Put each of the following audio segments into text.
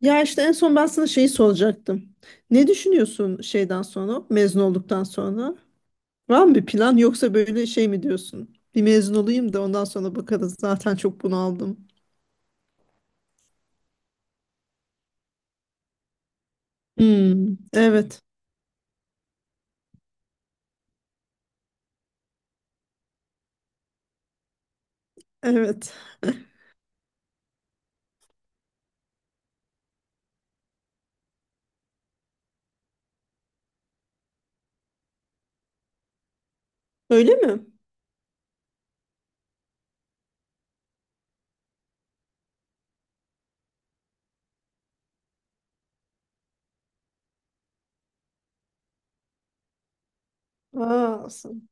Ya işte en son ben sana şeyi soracaktım. Ne düşünüyorsun şeyden sonra, mezun olduktan sonra? Var mı bir plan yoksa böyle şey mi diyorsun? Bir mezun olayım da ondan sonra bakarız. Zaten çok bunaldım. Hmm, evet, evet. Öyle mi? Aa,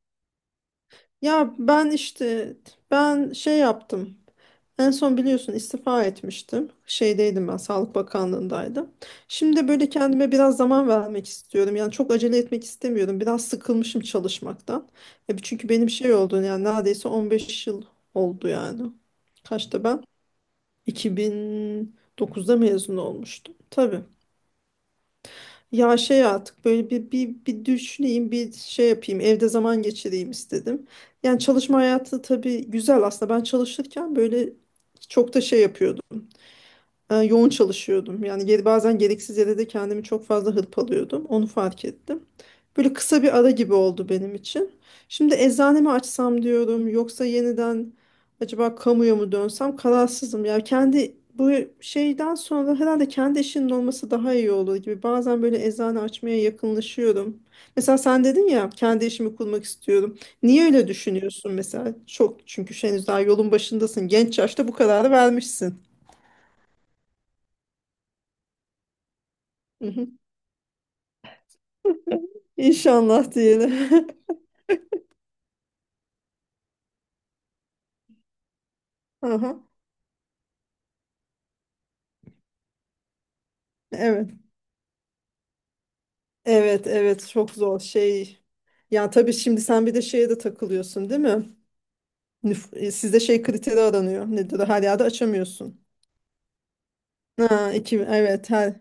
ya ben işte ben şey yaptım. En son biliyorsun istifa etmiştim. Şeydeydim ben, Sağlık Bakanlığındaydım. Şimdi böyle kendime biraz zaman vermek istiyorum. Yani çok acele etmek istemiyorum. Biraz sıkılmışım çalışmaktan. Çünkü benim şey oldu yani neredeyse 15 yıl oldu yani. Kaçta ben? 2009'da mezun olmuştum. Tabii. Ya şey artık böyle bir düşüneyim, bir şey yapayım, evde zaman geçireyim istedim. Yani çalışma hayatı tabii güzel aslında. Ben çalışırken böyle çok da şey yapıyordum yoğun çalışıyordum. Yani bazen gereksiz yere de kendimi çok fazla hırpalıyordum. Onu fark ettim. Böyle kısa bir ara gibi oldu benim için. Şimdi eczanemi açsam diyorum yoksa yeniden acaba kamuya mı dönsem kararsızım. Ya kendi bu şeyden sonra herhalde kendi işinin olması daha iyi olur gibi. Bazen böyle eczane açmaya yakınlaşıyorum. Mesela sen dedin ya kendi işimi kurmak istiyorum. Niye öyle düşünüyorsun mesela? Çok çünkü henüz daha yolun başındasın. Genç yaşta bu kararı vermişsin. İnşallah diyelim. Aha, evet. Evet, evet çok zor şey. Ya tabii şimdi sen bir de şeye de takılıyorsun değil mi? Sizde şey kriteri aranıyor. Nedir o? Her yerde açamıyorsun. Ha, iki, evet her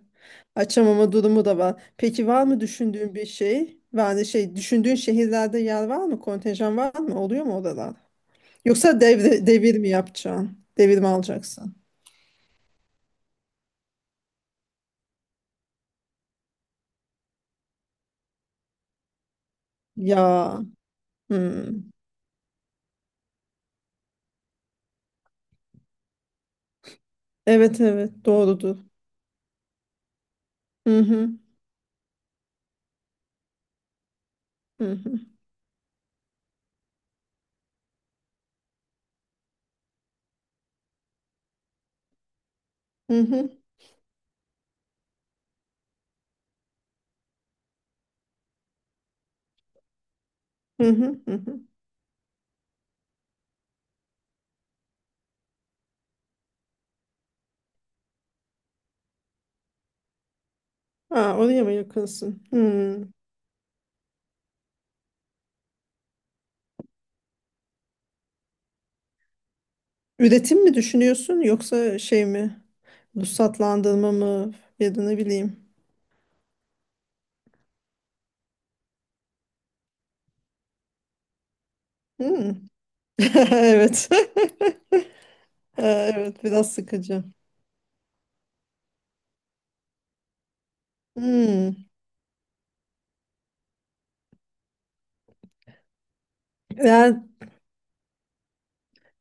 açamama durumu da var. Peki var mı düşündüğün bir şey? Yani şey düşündüğün şehirlerde yer var mı? Kontenjan var mı? Oluyor mu oralar? Yoksa devir mi yapacaksın? Devir mi alacaksın? Ya. Hmm. Evet evet doğrudur. Hı hı. Hı hı. Hı hı, hı hı, hı hı. Ha, oraya mı yakınsın? Hmm. Üretim mi düşünüyorsun yoksa şey mi? Ruhsatlandırma mı? Ya da ne bileyim. Hmm. Evet. Ha, evet biraz sıkıcı. Hmm. Eğer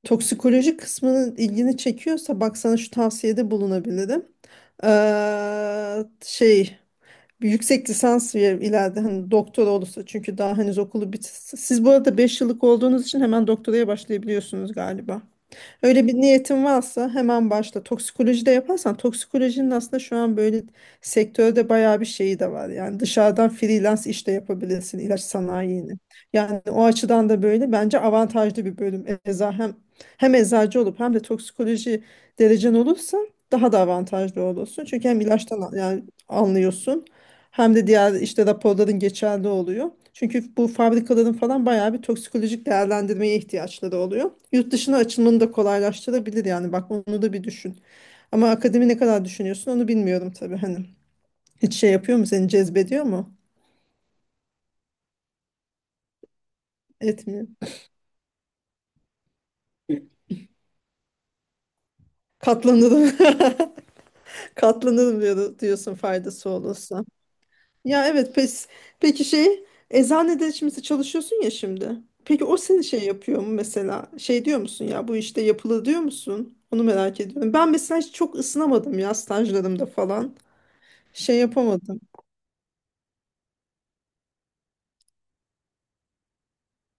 toksikoloji kısmının ilgini çekiyorsa bak sana şu tavsiyede bulunabilirim. Şey bir yüksek lisans ve ileride hani doktora olursa çünkü daha henüz okulu bit. Siz bu arada 5 yıllık olduğunuz için hemen doktoraya başlayabiliyorsunuz galiba. Öyle bir niyetin varsa hemen başla. Toksikoloji de yaparsan toksikolojinin aslında şu an böyle sektörde bayağı bir şeyi de var. Yani dışarıdan freelance iş de yapabilirsin ilaç sanayini. Yani o açıdan da böyle bence avantajlı bir bölüm. Eza hem hem eczacı olup hem de toksikoloji derecen olursa daha da avantajlı olursun. Çünkü hem ilaçtan yani anlıyorsun. Hem de diğer işte raporların geçerli oluyor. Çünkü bu fabrikaların falan bayağı bir toksikolojik değerlendirmeye ihtiyaçları oluyor. Yurt dışına açılmanı da kolaylaştırabilir yani bak onu da bir düşün. Ama akademi ne kadar düşünüyorsun onu bilmiyorum tabii hani. Hiç şey yapıyor mu seni cezbediyor mu? Etmiyor. Katlanırım. Katlanırım diyorsun faydası olursa. Ya evet pes. Peki şey eczanede şimdi çalışıyorsun ya şimdi. Peki o seni şey yapıyor mu mesela? Şey diyor musun ya bu işte yapılı diyor musun? Onu merak ediyorum. Ben mesela hiç çok ısınamadım ya stajlarımda falan. Şey yapamadım.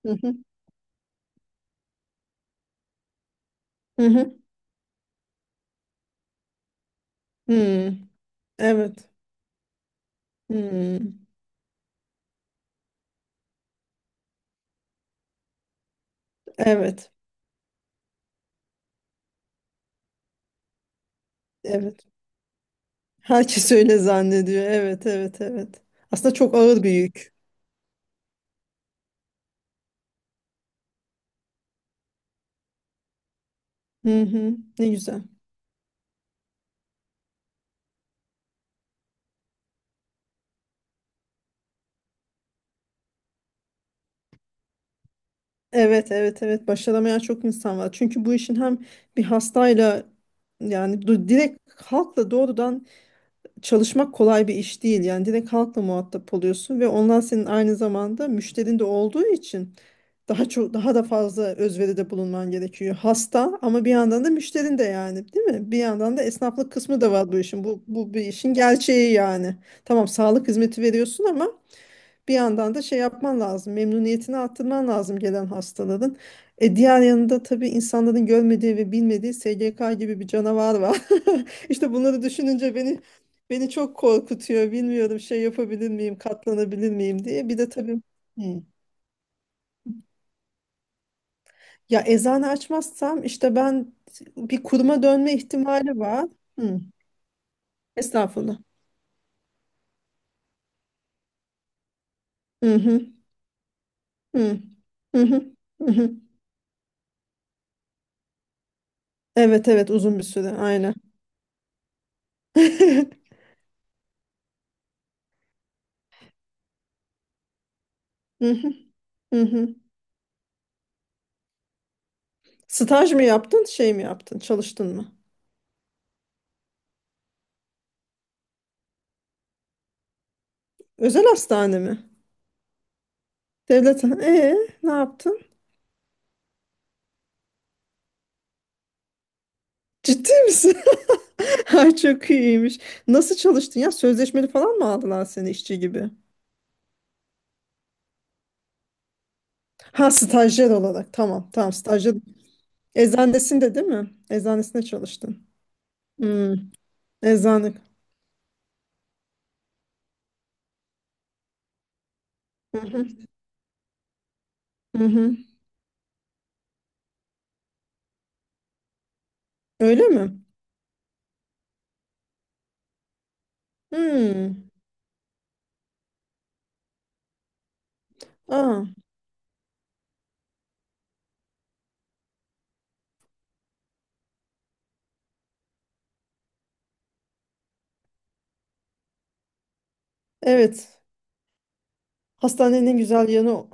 Hı hı. Hı hı. Hmm, evet. Hmm, evet. Evet. Herkes öyle zannediyor. Evet, evet, evet. Aslında çok ağır bir yük. Hı hı. Ne güzel. Evet, evet, evet. Başaramayan çok insan var. Çünkü bu işin hem bir hastayla yani direkt halkla doğrudan çalışmak kolay bir iş değil. Yani direkt halkla muhatap oluyorsun ve onlar senin aynı zamanda müşterin de olduğu için daha çok daha da fazla özveride bulunman gerekiyor. Hasta ama bir yandan da müşterin de yani, değil mi? Bir yandan da esnaflık kısmı da var bu işin. Bu bir işin gerçeği yani. Tamam, sağlık hizmeti veriyorsun ama bir yandan da şey yapman lazım, memnuniyetini arttırman lazım gelen hastaların. Diğer yanında tabii insanların görmediği ve bilmediği SGK gibi bir canavar var. İşte bunları düşününce beni çok korkutuyor. Bilmiyorum şey yapabilir miyim, katlanabilir miyim diye. Bir de tabii. Hmm. Ya eczane açmazsam işte ben bir kuruma dönme ihtimali var. Hmm. Estağfurullah. Hı hı. Hı hı. Hı hı. Hı. Evet evet uzun bir süre aynen. Hı hı. Hı hı. Staj mı yaptın, şey mi yaptın, çalıştın mı? Özel hastane mi? Devlet. Ne yaptın? Ciddi misin? Ay çok iyiymiş. Nasıl çalıştın ya? Sözleşmeli falan mı aldılar seni işçi gibi? Ha, stajyer olarak. Tamam, tamam, stajyer. Eczanesinde değil mi? Eczanesinde çalıştın. Hmm, eczane. Hı hı, hı hı. Öyle mi? Hmm. Aa, evet. Hastanenin en güzel yanı o.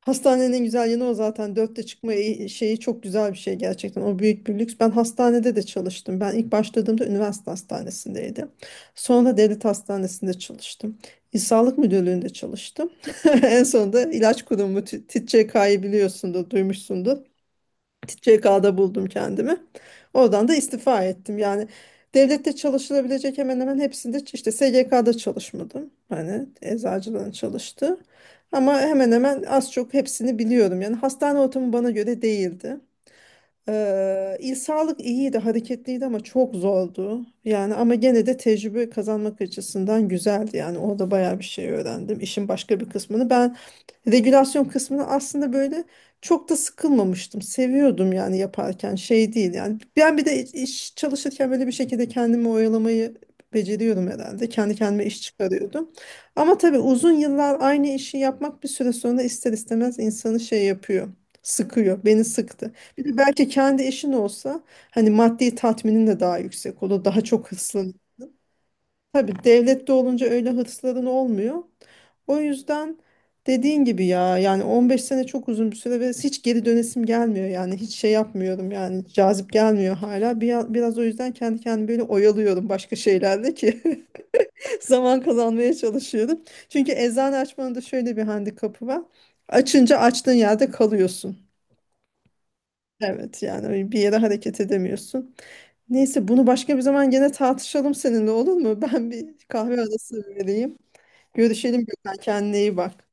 Hastanenin güzel yanı o zaten. Dörtte çıkma şeyi çok güzel bir şey gerçekten. O büyük bir lüks. Ben hastanede de çalıştım. Ben ilk başladığımda üniversite hastanesindeydim. Sonra devlet hastanesinde çalıştım. İl Sağlık Müdürlüğü'nde çalıştım. En sonunda ilaç kurumu TÇK'yı biliyorsundur, duymuşsundur. TCK'da buldum kendimi. Oradan da istifa ettim. Yani devlette çalışılabilecek hemen hemen hepsinde işte SGK'da çalışmadım. Hani eczacılığın çalıştı. Ama hemen hemen az çok hepsini biliyorum. Yani hastane ortamı bana göre değildi. İl sağlık iyiydi, hareketliydi ama çok zordu. Yani ama gene de tecrübe kazanmak açısından güzeldi. Yani orada bayağı bir şey öğrendim. İşin başka bir kısmını ben regülasyon kısmını aslında böyle çok da sıkılmamıştım. Seviyordum yani yaparken şey değil yani. Ben bir de iş çalışırken böyle bir şekilde kendimi oyalamayı beceriyorum herhalde. Kendi kendime iş çıkarıyordum. Ama tabii uzun yıllar aynı işi yapmak bir süre sonra ister istemez insanı şey yapıyor. Sıkıyor. Beni sıktı. Bir de belki kendi işin olsa hani maddi tatminin de daha yüksek olur. Daha çok. Tabii devlette olunca öyle hırsların olmuyor. O yüzden dediğin gibi ya yani 15 sene çok uzun bir süre ve hiç geri dönesim gelmiyor yani hiç şey yapmıyorum yani cazip gelmiyor hala. Biraz o yüzden kendi kendimi böyle oyalıyorum başka şeylerle ki zaman kazanmaya çalışıyorum. Çünkü eczane açmanın da şöyle bir handikapı var. Açınca açtığın yerde kalıyorsun. Evet yani bir yere hareket edemiyorsun. Neyse bunu başka bir zaman gene tartışalım seninle olur mu? Ben bir kahve arası vereyim. Görüşelim Gökhan. Kendine iyi bak.